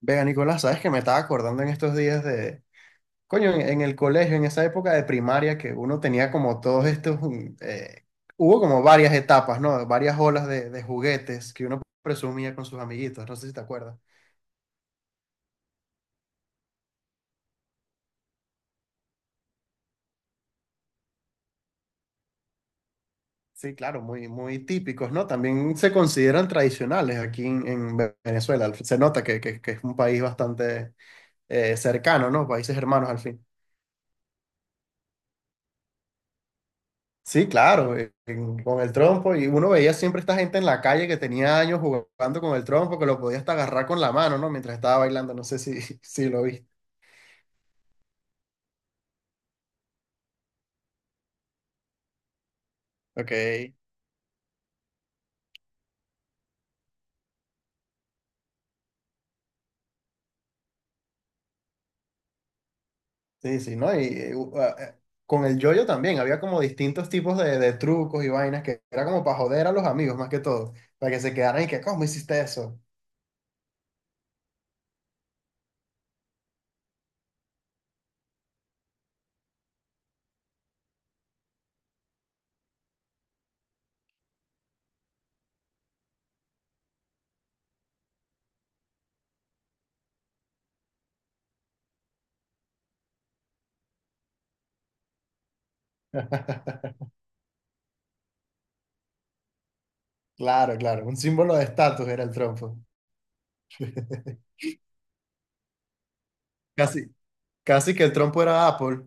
Vega, Nicolás, sabes que me estaba acordando en estos días de, en el colegio, en esa época de primaria que uno tenía como todos estos, hubo como varias etapas, ¿no? Varias olas de juguetes que uno presumía con sus amiguitos, no sé si te acuerdas. Sí, claro, muy, muy típicos, ¿no? También se consideran tradicionales aquí en Venezuela. Se nota que es un país bastante cercano, ¿no? Países hermanos al fin. Sí, claro, con el trompo. Y uno veía siempre esta gente en la calle que tenía años jugando con el trompo, que lo podía hasta agarrar con la mano, ¿no? Mientras estaba bailando, no sé si, si lo viste. Ok. Sí, sí, ¿no? Y con el yoyo también, había como distintos tipos de trucos y vainas que era como para joder a los amigos más que todo, para que se quedaran y que, ¿cómo hiciste eso? Claro, claro, un símbolo de estatus era el trompo. Casi, casi que el trompo era Apple.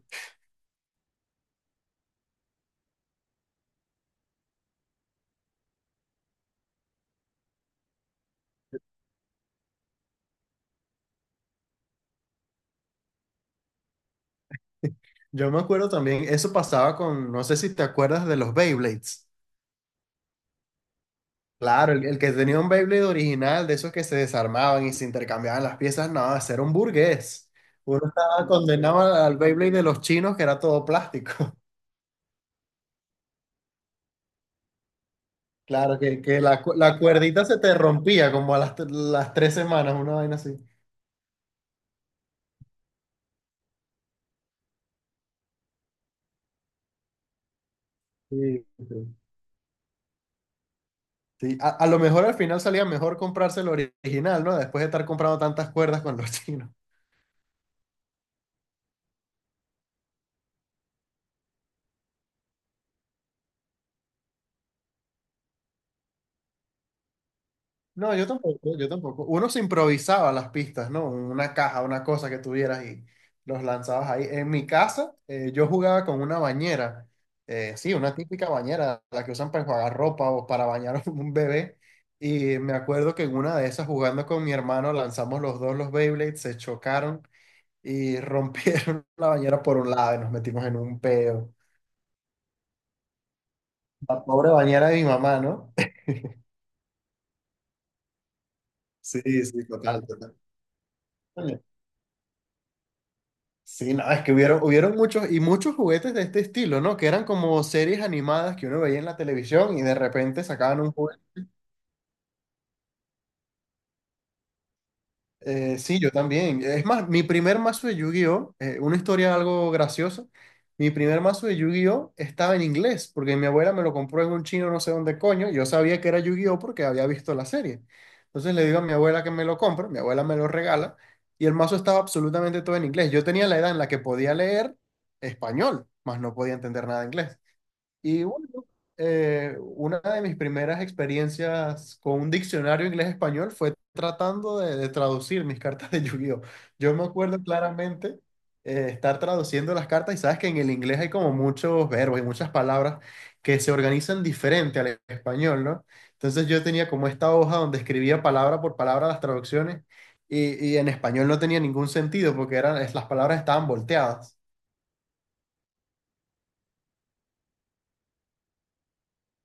Yo me acuerdo también, eso pasaba con, no sé si te acuerdas de los Beyblades. Claro, el que tenía un Beyblade original, de esos que se desarmaban y se intercambiaban las piezas, no, ese era un burgués. Uno estaba condenado al Beyblade de los chinos, que era todo plástico. Claro, que la cuerdita se te rompía como a las tres semanas, una vaina así. Sí, sí. Sí, a lo mejor al final salía mejor comprarse el original, ¿no? Después de estar comprando tantas cuerdas con los chinos. No, yo tampoco, yo tampoco. Uno se improvisaba las pistas, ¿no? Una caja, una cosa que tuvieras y los lanzabas ahí. En mi casa, yo jugaba con una bañera, sí, una típica bañera, la que usan para enjuagar ropa o para bañar a un bebé. Y me acuerdo que en una de esas, jugando con mi hermano, lanzamos los dos los Beyblades, se chocaron y rompieron la bañera por un lado y nos metimos en un peo. La pobre bañera de mi mamá, ¿no? Sí, sí, total, total. Sí, nada es que hubieron, hubieron muchos y muchos juguetes de este estilo, ¿no? Que eran como series animadas que uno veía en la televisión y de repente sacaban un juguete. Sí, yo también. Es más, mi primer mazo de Yu-Gi-Oh, una historia algo graciosa, mi primer mazo de Yu-Gi-Oh estaba en inglés porque mi abuela me lo compró en un chino no sé dónde coño. Y yo sabía que era Yu-Gi-Oh porque había visto la serie. Entonces le digo a mi abuela que me lo compre, mi abuela me lo regala y el mazo estaba absolutamente todo en inglés. Yo tenía la edad en la que podía leer español, mas no podía entender nada de inglés. Y bueno, una de mis primeras experiencias con un diccionario inglés-español fue tratando de traducir mis cartas de Yu-Gi-Oh! Yo me acuerdo claramente estar traduciendo las cartas y sabes que en el inglés hay como muchos verbos y muchas palabras que se organizan diferente al español, ¿no? Entonces yo tenía como esta hoja donde escribía palabra por palabra las traducciones y en español no tenía ningún sentido porque las palabras estaban volteadas.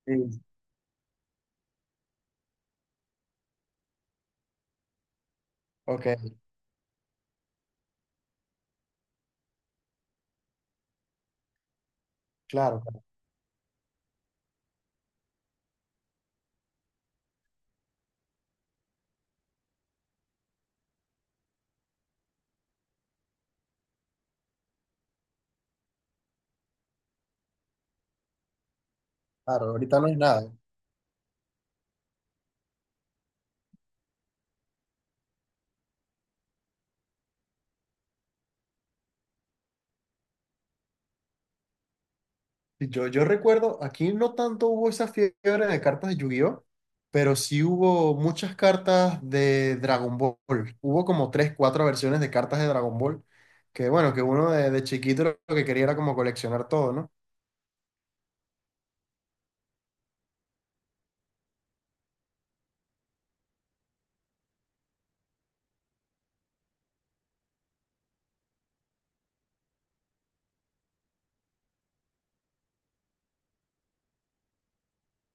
Sí. Ok, claro, claro, claro, ahorita no es nada. Yo recuerdo, aquí no tanto hubo esa fiebre de cartas de Yu-Gi-Oh, pero sí hubo muchas cartas de Dragon Ball. Hubo como tres, cuatro versiones de cartas de Dragon Ball, que bueno, que uno de chiquito lo que quería era como coleccionar todo, ¿no?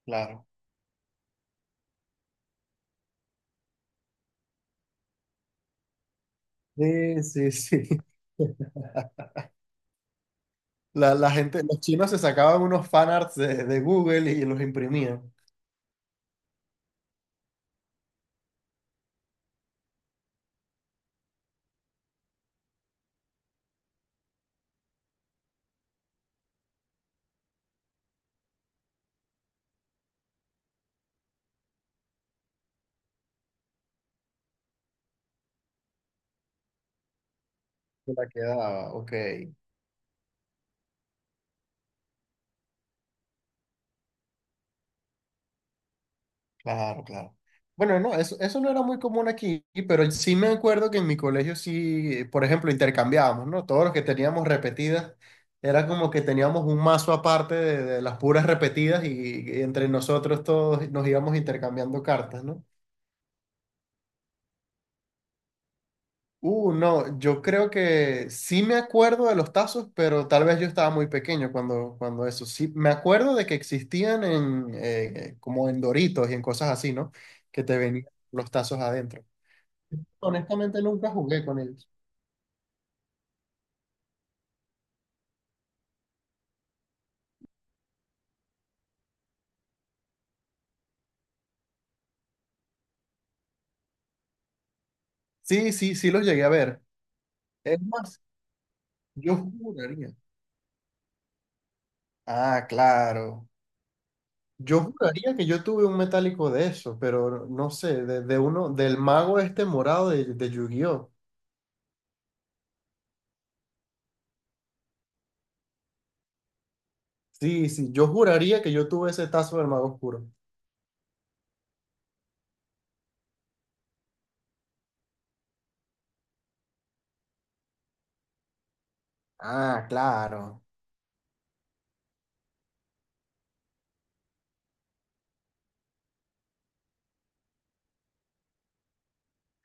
Claro. Sí, sí, sí. La gente, los chinos se sacaban unos fanarts de Google y los imprimían. Se la quedaba, ok. Claro, claro. Bueno, no, eso no era muy común aquí, pero sí me acuerdo que en mi colegio sí, por ejemplo, intercambiábamos, ¿no? Todos los que teníamos repetidas, era como que teníamos un mazo aparte de las puras repetidas y entre nosotros todos nos íbamos intercambiando cartas, ¿no? No, yo creo que sí me acuerdo de los tazos, pero tal vez yo estaba muy pequeño cuando, cuando eso. Sí, me acuerdo de que existían en, como en Doritos y en cosas así, ¿no? Que te venían los tazos adentro. Honestamente nunca jugué con ellos. Sí, sí, sí los llegué a ver. Es más, yo juraría. Ah, claro. Yo juraría que yo tuve un metálico de eso, pero no sé, de uno, del mago este morado de Yu-Gi-Oh! Sí, sí, yo juraría que yo tuve ese tazo del mago oscuro. Ah, claro.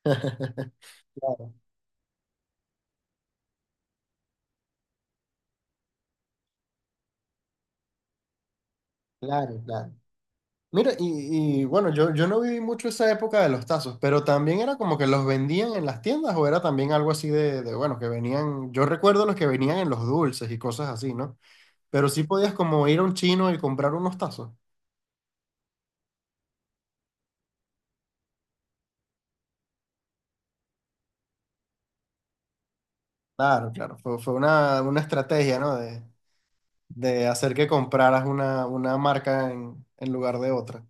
Claro, claro, claro. Mira, y bueno, yo no viví mucho esa época de los tazos, pero también era como que los vendían en las tiendas o era también algo así bueno, que venían, yo recuerdo los que venían en los dulces y cosas así, ¿no? Pero sí podías como ir a un chino y comprar unos tazos. Claro, claro, fue, fue una estrategia, ¿no? De hacer que compraras una marca en lugar de otra.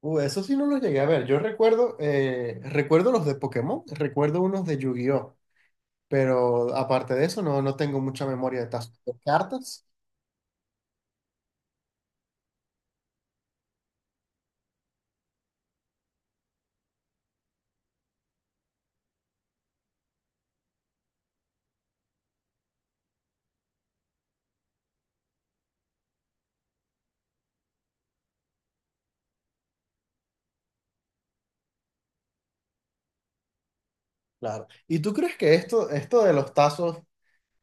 Eso sí no los llegué a ver. Yo recuerdo, recuerdo los de Pokémon, recuerdo unos de Yu-Gi-Oh! Pero aparte de eso, no, no tengo mucha memoria de tazos. ¿De cartas? Claro. ¿Y tú crees que esto de los tazos,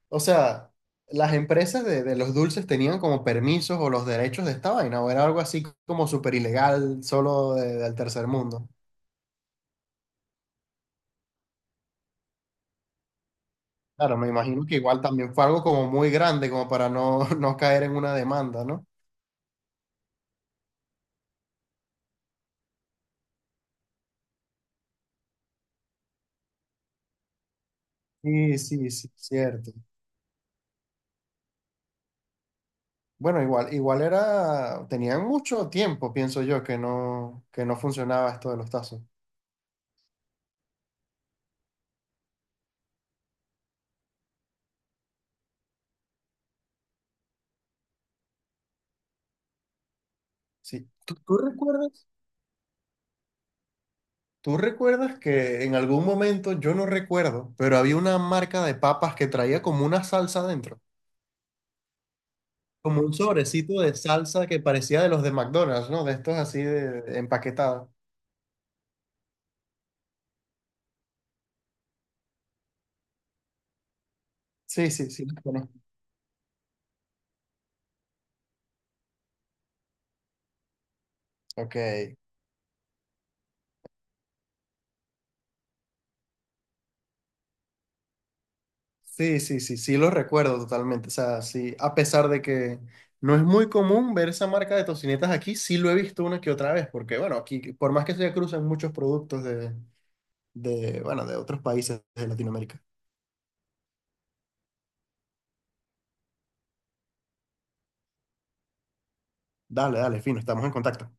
o sea, las empresas de los dulces tenían como permisos o los derechos de esta vaina, o era algo así como súper ilegal, solo del tercer mundo? Claro, me imagino que igual también fue algo como muy grande, como para no, no caer en una demanda, ¿no? Sí, sí, sí, cierto. Bueno, igual, igual era, tenían mucho tiempo, pienso yo, que no funcionaba esto de los tazos. Sí. ¿Tú, tú recuerdas? ¿Tú recuerdas que en algún momento, yo no recuerdo, pero había una marca de papas que traía como una salsa dentro? Como un sobrecito de salsa que parecía de los de McDonald's, ¿no? De estos así de empaquetados. Sí, sí, sí, los conozco. Ok. Sí, sí, sí, sí, lo recuerdo totalmente. O sea, sí, a pesar de que no es muy común ver esa marca de tocinetas aquí, sí lo he visto una que otra vez, porque bueno, aquí, por más que se cruzan muchos productos bueno, de otros países de Latinoamérica. Dale, dale, fino, estamos en contacto.